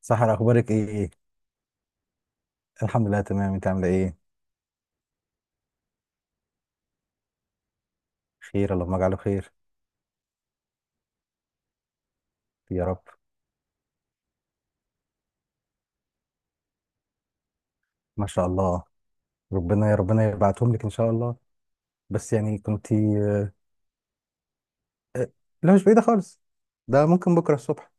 سحر، اخبارك ايه؟ الحمد لله تمام. انت عامله ايه؟ خير اللهم اجعله خير. يا رب. ما شاء الله. ربنا يا ربنا يبعتهم لك ان شاء الله. بس يعني كنت لا مش بعيده خالص. ده ممكن بكره الصبح.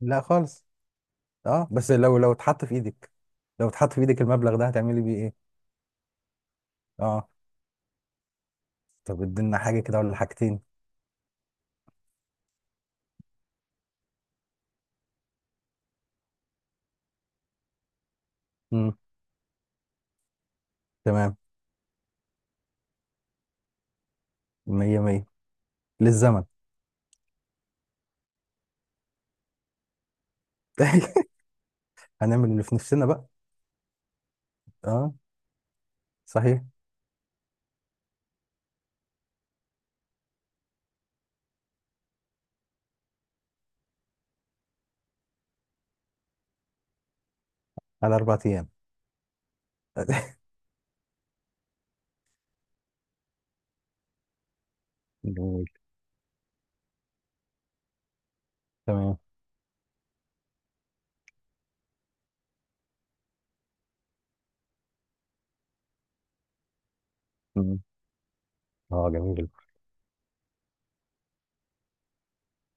لا خالص. اه بس لو اتحط في ايدك، لو اتحط في ايدك المبلغ ده هتعملي بيه ايه؟ اه. طب ادينا حاجه كده ولا حاجتين؟ امم تمام. مية مية. للزمن. هنعمل اللي في نفسنا بقى. اه صحيح. على اربع ايام. جميل. تمام. مم. اه جميل.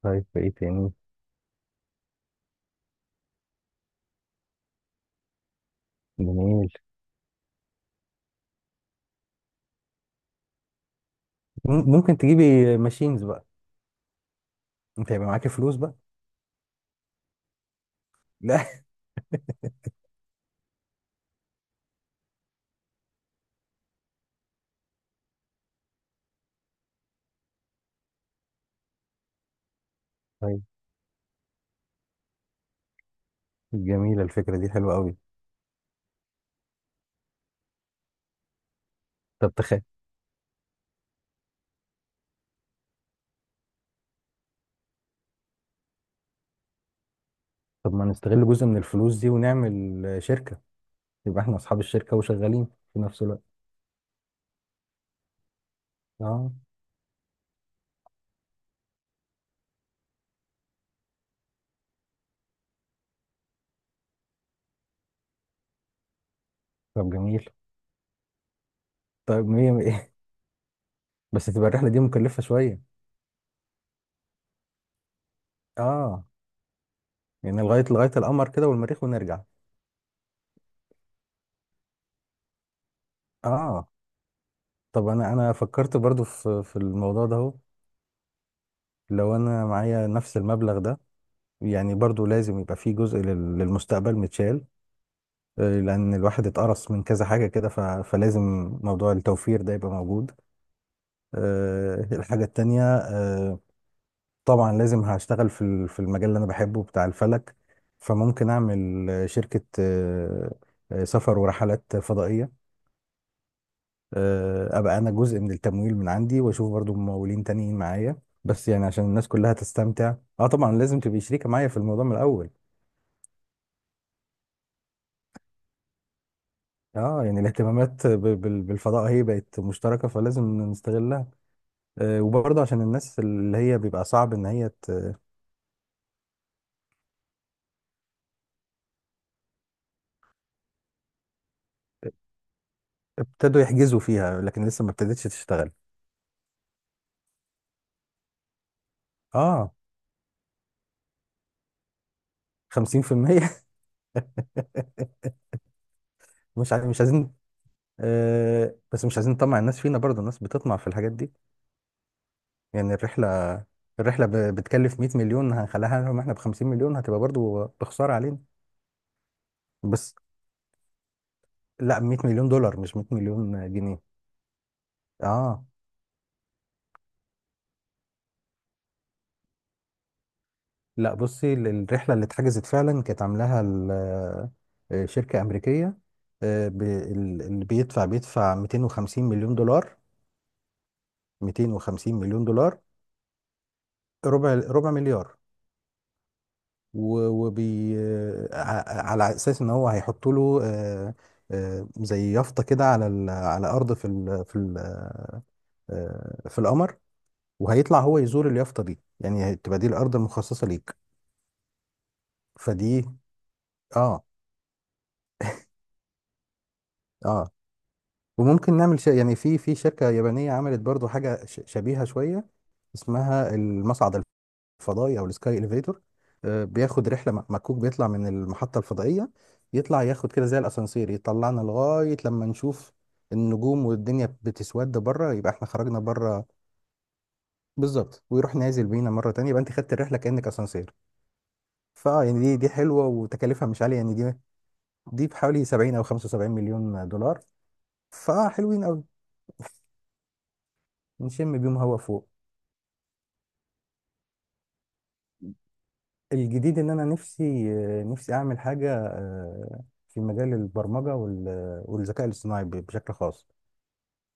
طيب ايه تاني؟ جميل. مم- ممكن تجيبي ماشينز بقى. انت هيبقى معاكي فلوس بقى. لا طيب. جميلة، الفكرة دي حلوة قوي. طب تخيل. طب ما نستغل جزء من الفلوس دي ونعمل شركة، يبقى احنا اصحاب الشركة وشغالين في نفس الوقت. اه طب جميل. طيب مية مية. بس تبقى الرحلة دي مكلفة شوية. اه يعني لغاية القمر كده والمريخ ونرجع. اه طب انا فكرت برضو في الموضوع ده اهو. لو انا معايا نفس المبلغ ده، يعني برضو لازم يبقى في جزء لل- للمستقبل متشال. لأن الواحد اتقرص من كذا حاجة كده ف- فلازم موضوع التوفير ده يبقى موجود. الحاجة التانية طبعا لازم هشتغل في ال- في المجال اللي أنا بحبه بتاع الفلك، فممكن أعمل شركة، سفر ورحلات فضائية. أبقى أنا جزء من التمويل من عندي وأشوف برضو ممولين تانيين معايا، بس يعني عشان الناس كلها تستمتع. اه طبعا لازم تبقي شريكة معايا في الموضوع من الأول. اه يعني الاهتمامات ب- بال- بالفضاء هي بقت مشتركة فلازم نستغلها. وبرضه عشان الناس اللي هي بيبقى صعب ان هي ت- ابتدوا يحجزوا فيها لكن لسه ما ابتدتش تشتغل. اه 50% مش عايز، مش عايزين. آه بس مش عايزين نطمع الناس فينا برضه، الناس بتطمع في الحاجات دي. يعني الرحلة ب- بتكلف 100 مليون، هنخليها لهم احنا ب 50 مليون، هتبقى برضه بخسارة علينا. بس لا، 100 مليون دولار مش 100 مليون جنيه. اه. لا بصي، ال- الرحلة اللي اتحجزت فعلا كانت عاملاها ال- شركة أمريكية، ب- ال- اللي بيدفع 250 مليون دولار، 250 مليون دولار. ربع، ربع مليار. و- وبي ع- على أساس إن هو هيحط له زي يافطة كده على ال- على أرض في ال في القمر، وهيطلع هو يزور اليافطة دي، يعني هتبقى دي الأرض المخصصة ليك. فدي اه. اه وممكن نعمل ش... يعني في شركة يابانية عملت برضو حاجة ش... شبيهة شوية، اسمها المصعد الفضائي او السكاي اليفيتور. بياخد رحلة م- مكوك، بيطلع من المحطة الفضائية، يطلع ياخد كده زي الاسانسير يطلعنا لغاية لما نشوف النجوم والدنيا بتسود بره، يبقى احنا خرجنا بره. بالظبط، ويروح نازل بينا مرة تانية، يبقى انت خدت الرحلة كأنك اسانسير. فاه يعني دي حلوة وتكاليفها مش عالية، يعني دي دي بحوالي 70 او 75 مليون دولار. فاه حلوين قوي، نشم بيهم هوا فوق. الجديد ان انا نفسي، نفسي اعمل حاجه في مجال البرمجه وال- والذكاء الاصطناعي ب- بشكل خاص.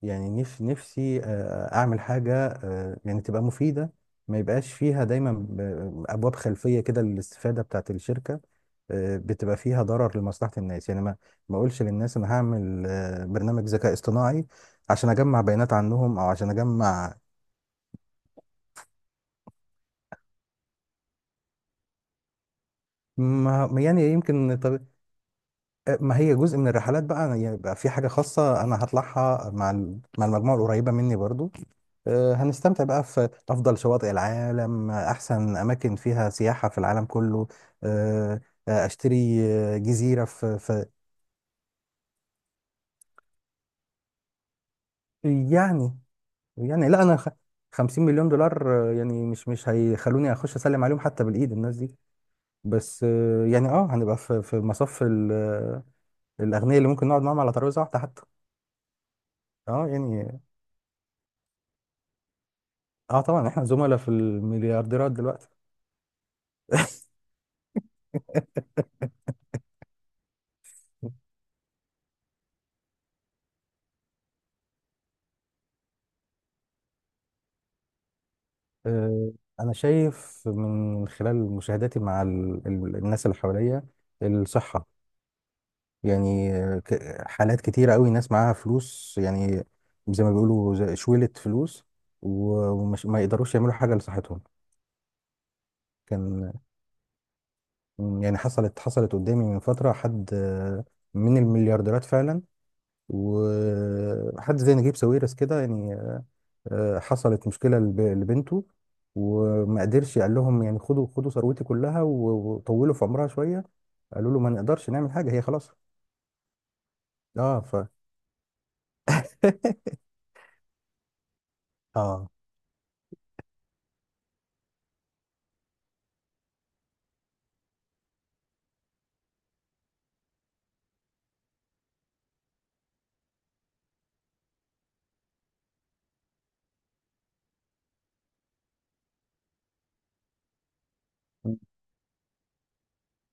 يعني نف- نفسي اعمل حاجه يعني تبقى مفيده، ما يبقاش فيها دايما ب- ابواب خلفيه كده للاستفاده بتاعت الشركه، بتبقى فيها ضرر لمصلحه الناس. يعني ما ما اقولش للناس انا هعمل برنامج ذكاء اصطناعي عشان اجمع بيانات عنهم او عشان اجمع. ما يعني يمكن، ما هي جزء من الرحلات بقى، أنا يبقى في حاجة خاصة أنا هطلعها مع ال- مع المجموعة القريبة مني برضو. هنستمتع بقى في أفضل شواطئ العالم، أحسن أماكن فيها سياحة في العالم كله. آه، أشتري جزيرة في يعني، يعني لا أنا خ- 50 مليون دولار يعني مش مش هيخلوني أخش أسلم عليهم حتى بالإيد الناس دي. بس يعني أه هنبقى في مصف ال- الأغنياء اللي ممكن نقعد معاهم على ترابيزة واحدة حتى. أه يعني، اه طبعا احنا زملاء في المليارديرات دلوقتي. آه، انا شايف من خلال مشاهداتي مع ال- ال- الناس اللي حواليا الصحة، يعني ك- حالات كتيرة قوي ناس معاها فلوس، يعني زي ما بيقولوا زي شويلة فلوس، و- ومش ما يقدروش يعملوا حاجة لصحتهم. كان، يعني حصلت قدامي من فترة حد من المليارديرات فعلا، وحد زي نجيب ساويرس كده يعني، حصلت مشكلة لب- لبنته وما قدرش، قال لهم يعني خدوا، خدوا ثروتي كلها و- وطولوا في عمرها شوية. قالوا له ما نقدرش نعمل حاجة، هي خلاص. اه ف اه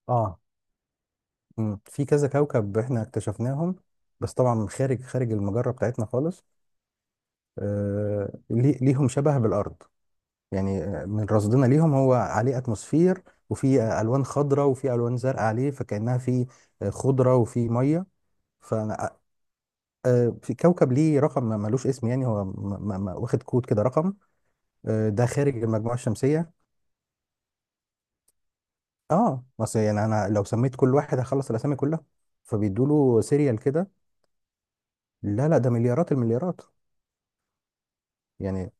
اه. في كذا كوكب احنا اكتشفناهم، بس طبعا خارج المجرة بتاعتنا خالص. آه لي- ليهم شبه بالأرض، يعني من رصدنا ليهم هو عليه اتموسفير، وفي ألوان خضراء وفي ألوان زرقاء عليه، فكأنها في خضرة وفي مية. في كوكب ليه رقم، ما- ملوش اسم، يعني هو م- م- م- واخد كود كده رقم. ده خارج المجموعة الشمسية. اه بس يعني انا لو سميت كل واحد هخلص الاسامي كلها، فبيدوا له سيريال كده. لا لا، ده مليارات المليارات. يعني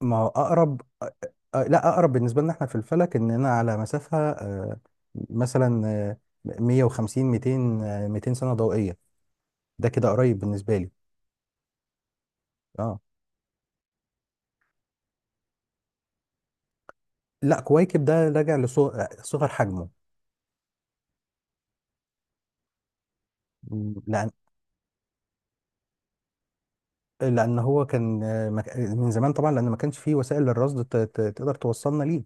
ما هو اقرب لا، اقرب بالنسبة لنا احنا في الفلك اننا على مسافة مثلا 150 200 200 سنة ضوئية. ده كده قريب بالنسبة لي. اه لا، كويكب ده راجع لصغر حجمه. لان هو كان مك- من زمان طبعا لان ما كانش فيه وسائل للرصد ت- ت- تقدر توصلنا ليه.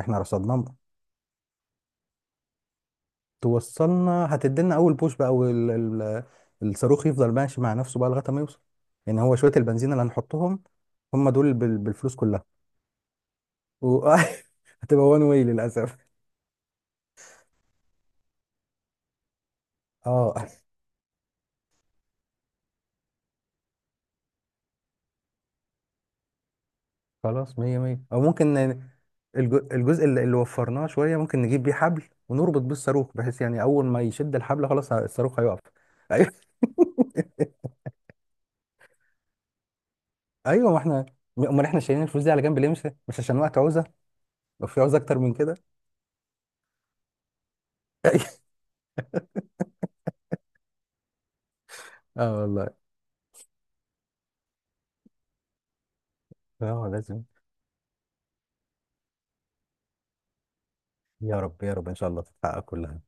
احنا رصدناه. توصلنا، هتدينا اول بوش بقى، وال- ال- الصاروخ يفضل ماشي مع نفسه بقى لغايه ما يوصل. يعني هو شويه البنزين اللي هنحطهم هم دول بال- بالفلوس كلها. و... هتبقى وان واي للاسف. اه خلاص مية مية. او ممكن ن- الج- الجزء اللي وفرناه شويه ممكن نجيب بيه حبل ونربط بيه الصاروخ، بحيث يعني اول ما يشد الحبل خلاص ه- الصاروخ هيقف. ايوه، ما احنا، امال احنا شايلين الفلوس دي على جنب ليه؟ مش مش عشان وقت عوزه، لو في عوزه اكتر من كده. اه والله. اه لازم. يا رب يا رب ان شاء الله تتحقق كلها.